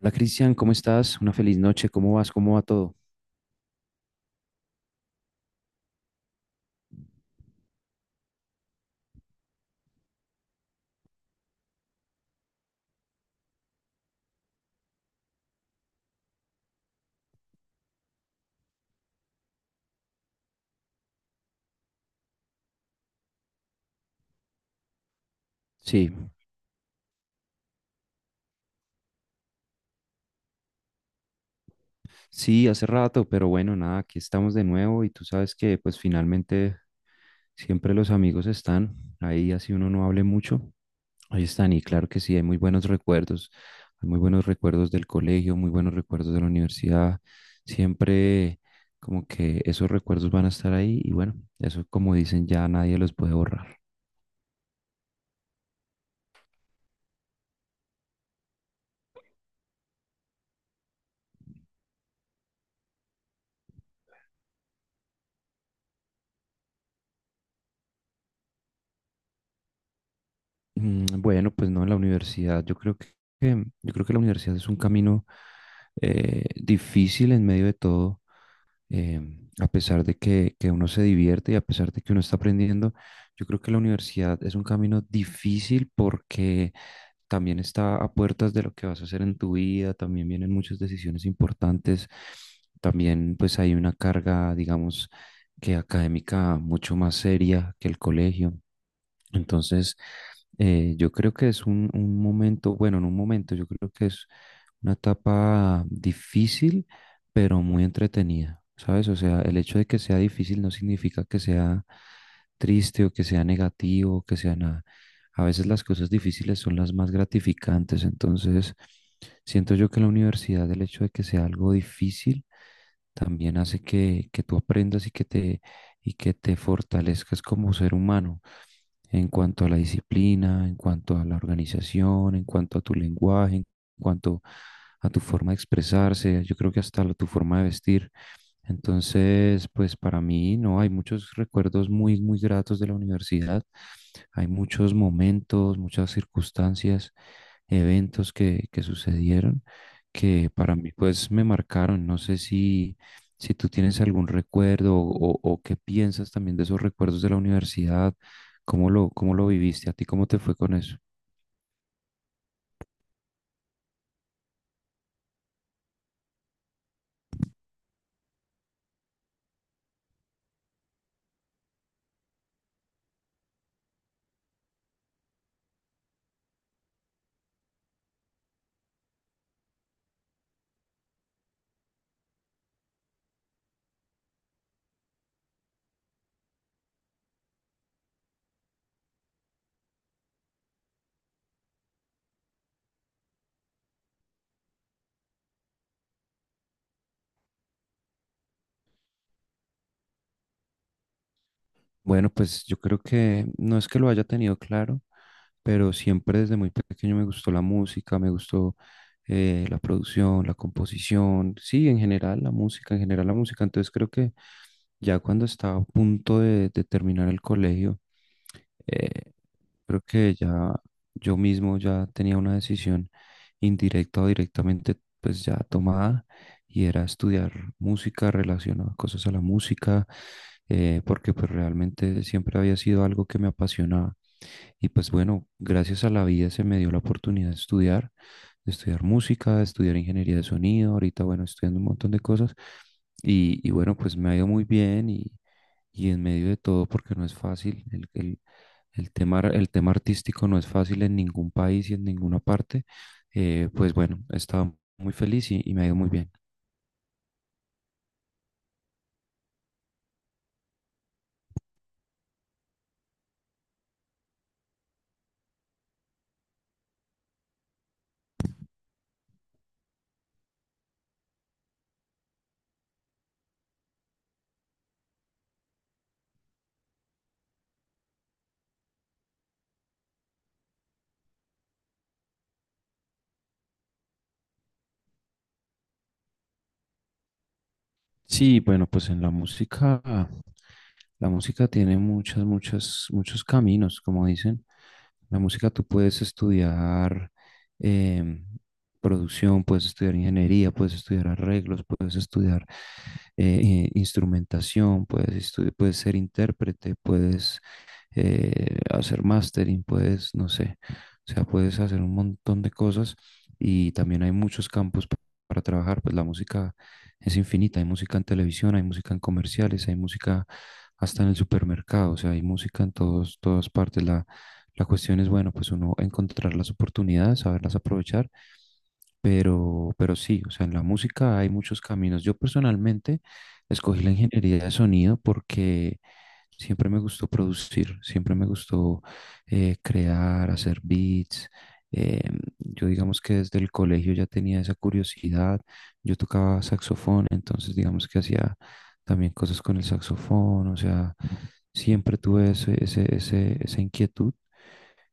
Hola Cristian, ¿cómo estás? Una feliz noche, ¿cómo vas? ¿Cómo va todo? Sí, sí, hace rato, pero bueno, nada, aquí estamos de nuevo y tú sabes que pues finalmente siempre los amigos están ahí, así uno no hable mucho, ahí están y claro que sí, hay muy buenos recuerdos, hay muy buenos recuerdos del colegio, muy buenos recuerdos de la universidad, siempre como que esos recuerdos van a estar ahí y bueno, eso como dicen ya nadie los puede borrar. Bueno, pues no, en la universidad. Yo creo que la universidad es un camino difícil en medio de todo, eh, a pesar de que uno se divierte y a pesar de que uno está aprendiendo. Yo creo que la universidad es un camino difícil porque también está a puertas de lo que vas a hacer en tu vida, también vienen muchas decisiones importantes, también pues hay una carga, digamos, que académica mucho más seria que el colegio. Entonces, yo creo que es un momento, bueno, en un momento, yo creo que es una etapa difícil, pero muy entretenida, ¿sabes? O sea, el hecho de que sea difícil no significa que sea triste o que sea negativo o que sea nada. A veces las cosas difíciles son las más gratificantes, entonces siento yo que en la universidad el hecho de que sea algo difícil también hace que tú aprendas y que te fortalezcas como ser humano en cuanto a la disciplina, en cuanto a la organización, en cuanto a tu lenguaje, en cuanto a tu forma de expresarse, yo creo que hasta tu forma de vestir. Entonces, pues para mí, no, hay muchos recuerdos muy, muy gratos de la universidad. Hay muchos momentos, muchas circunstancias, eventos que sucedieron que para mí, pues me marcaron. No sé si tú tienes algún recuerdo o qué piensas también de esos recuerdos de la universidad. ¿Cómo lo viviste? ¿A ti cómo te fue con eso? Bueno, pues yo creo que no es que lo haya tenido claro, pero siempre desde muy pequeño me gustó la música, me gustó la producción, la composición, sí, en general la música, en general la música. Entonces creo que ya cuando estaba a punto de terminar el colegio, eh, creo que ya yo mismo ya tenía una decisión indirecta o directamente pues ya tomada y era estudiar música relacionada cosas a la música porque pues realmente siempre había sido algo que me apasionaba y pues bueno, gracias a la vida se me dio la oportunidad de estudiar música, de estudiar ingeniería de sonido, ahorita bueno, estudiando un montón de cosas y bueno, pues me ha ido muy bien y en medio de todo, porque no es fácil, el tema artístico no es fácil en ningún país y en ninguna parte, pues bueno, he estado muy feliz y me ha ido muy bien. Sí, bueno, pues en la música. La música tiene muchas, muchas, muchos caminos, como dicen. La música tú puedes estudiar em, producción, puedes estudiar ingeniería, puedes estudiar arreglos, puedes estudiar instrumentación, puedes ser intérprete, puedes hacer mastering, puedes, no sé, o sea, puedes hacer un montón de cosas y también hay muchos campos para trabajar, pues la música es infinita. Hay música en televisión, hay música en comerciales, hay música hasta en el supermercado, o sea, hay música en todas partes. La cuestión es, bueno, pues uno encontrar las oportunidades, saberlas aprovechar pero sí, o sea, en la música hay muchos caminos. Yo personalmente escogí la ingeniería de sonido porque siempre me gustó producir, siempre me gustó crear, hacer beats. Eh, yo digamos que desde el colegio ya tenía esa curiosidad. Yo tocaba saxofón, entonces digamos que hacía también cosas con el saxofón, o sea, siempre tuve esa inquietud.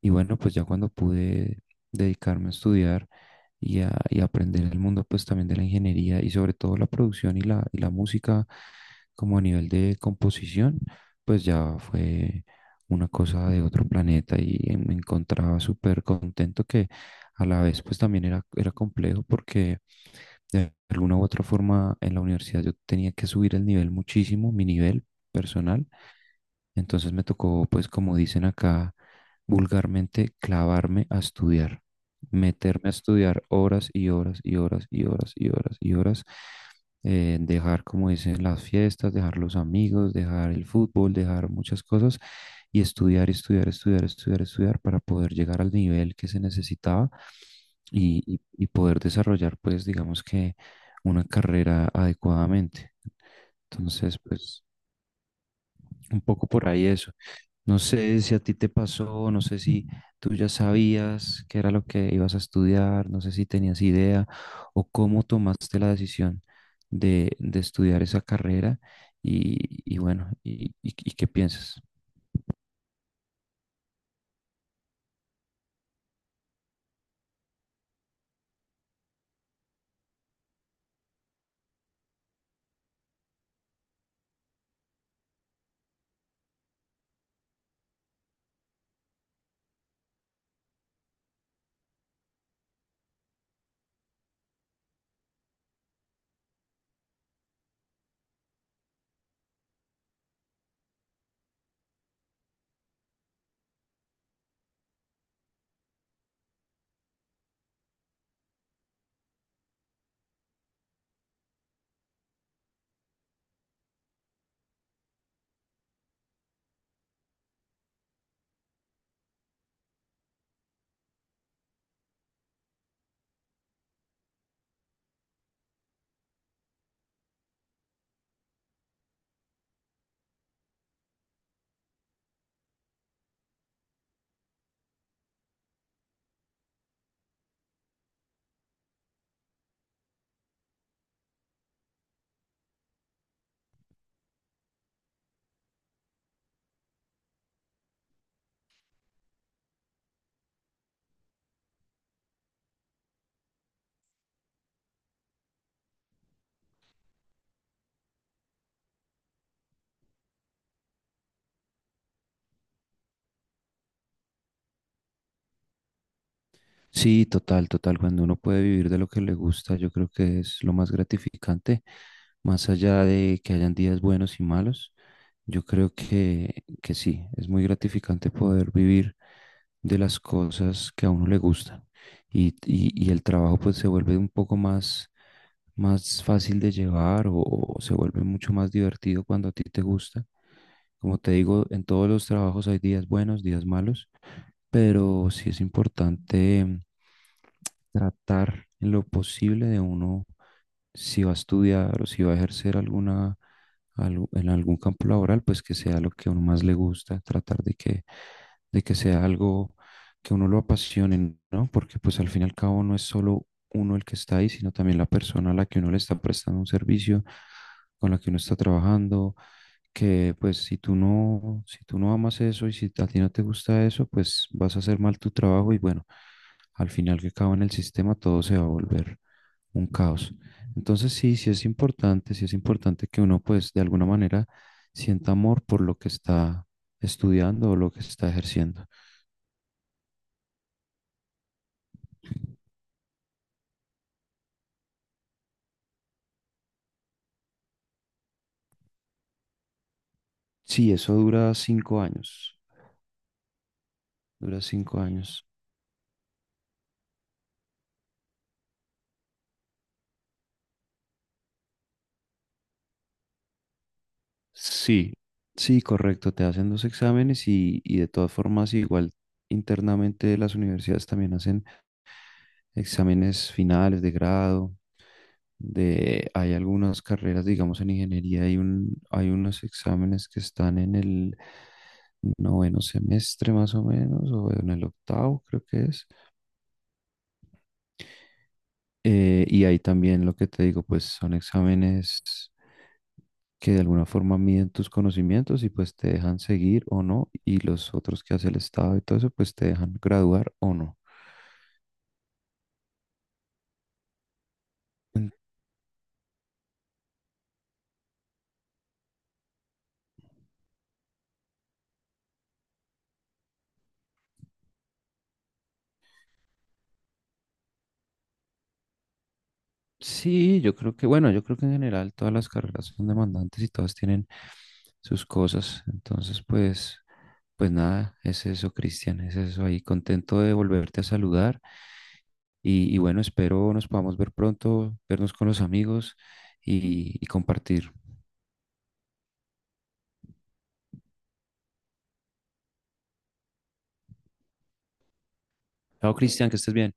Y bueno, pues ya cuando pude dedicarme a estudiar y a aprender el mundo, pues también de la ingeniería y sobre todo la producción y la música, como a nivel de composición, pues ya fue una cosa de otro planeta y me encontraba súper contento que a la vez pues también era complejo porque de alguna u otra forma en la universidad yo tenía que subir el nivel muchísimo, mi nivel personal. Entonces me tocó, pues como dicen acá vulgarmente, clavarme a estudiar, meterme a estudiar horas y horas y horas y horas y horas y horas, dejar, como dicen, las fiestas, dejar los amigos, dejar el fútbol, dejar muchas cosas y estudiar, estudiar, estudiar, estudiar, estudiar para poder llegar al nivel que se necesitaba y poder desarrollar, pues, digamos que una carrera adecuadamente. Entonces, pues, un poco por ahí eso. No sé si a ti te pasó, no sé si tú ya sabías qué era lo que ibas a estudiar, no sé si tenías idea o cómo tomaste la decisión de estudiar esa carrera y bueno, y qué piensas. Sí, total, total. Cuando uno puede vivir de lo que le gusta, yo creo que es lo más gratificante, más allá de que hayan días buenos y malos. Yo creo que sí, es muy gratificante poder vivir de las cosas que a uno le gustan. Y el trabajo pues se vuelve un poco más fácil de llevar o se vuelve mucho más divertido cuando a ti te gusta. Como te digo, en todos los trabajos hay días buenos, días malos, pero sí es importante tratar en lo posible de uno, si va a estudiar o si va a ejercer en algún campo laboral, pues que sea lo que a uno más le gusta, tratar de que sea algo que a uno lo apasione, ¿no? Porque pues al fin y al cabo no es solo uno el que está ahí, sino también la persona a la que uno le está prestando un servicio, con la que uno está trabajando, que pues si tú no, si tú no amas eso y si a ti no te gusta eso, pues vas a hacer mal tu trabajo y bueno, al final que acaba en el sistema todo se va a volver un caos. Entonces sí, sí es importante que uno pues de alguna manera sienta amor por lo que está estudiando o lo que está ejerciendo. Sí, eso dura 5 años, dura 5 años. Sí, sí, correcto, te hacen dos exámenes y de todas formas igual internamente las universidades también hacen exámenes finales de grado, de, hay algunas carreras, digamos, en ingeniería, hay unos exámenes que están en el noveno semestre más o menos, o en el octavo creo que es. Y ahí también lo que te digo, pues son exámenes que de alguna forma miden tus conocimientos y pues te dejan seguir o no, y los otros que hace el Estado y todo eso, pues te dejan graduar o no. En- Sí, yo creo que, bueno, yo creo que en general todas las carreras son demandantes y todas tienen sus cosas. Entonces, pues, pues nada, es eso, Cristian, es eso ahí. Contento de volverte a saludar y bueno, espero nos podamos ver pronto, vernos con los amigos y compartir. Chao, Cristian, que estés bien.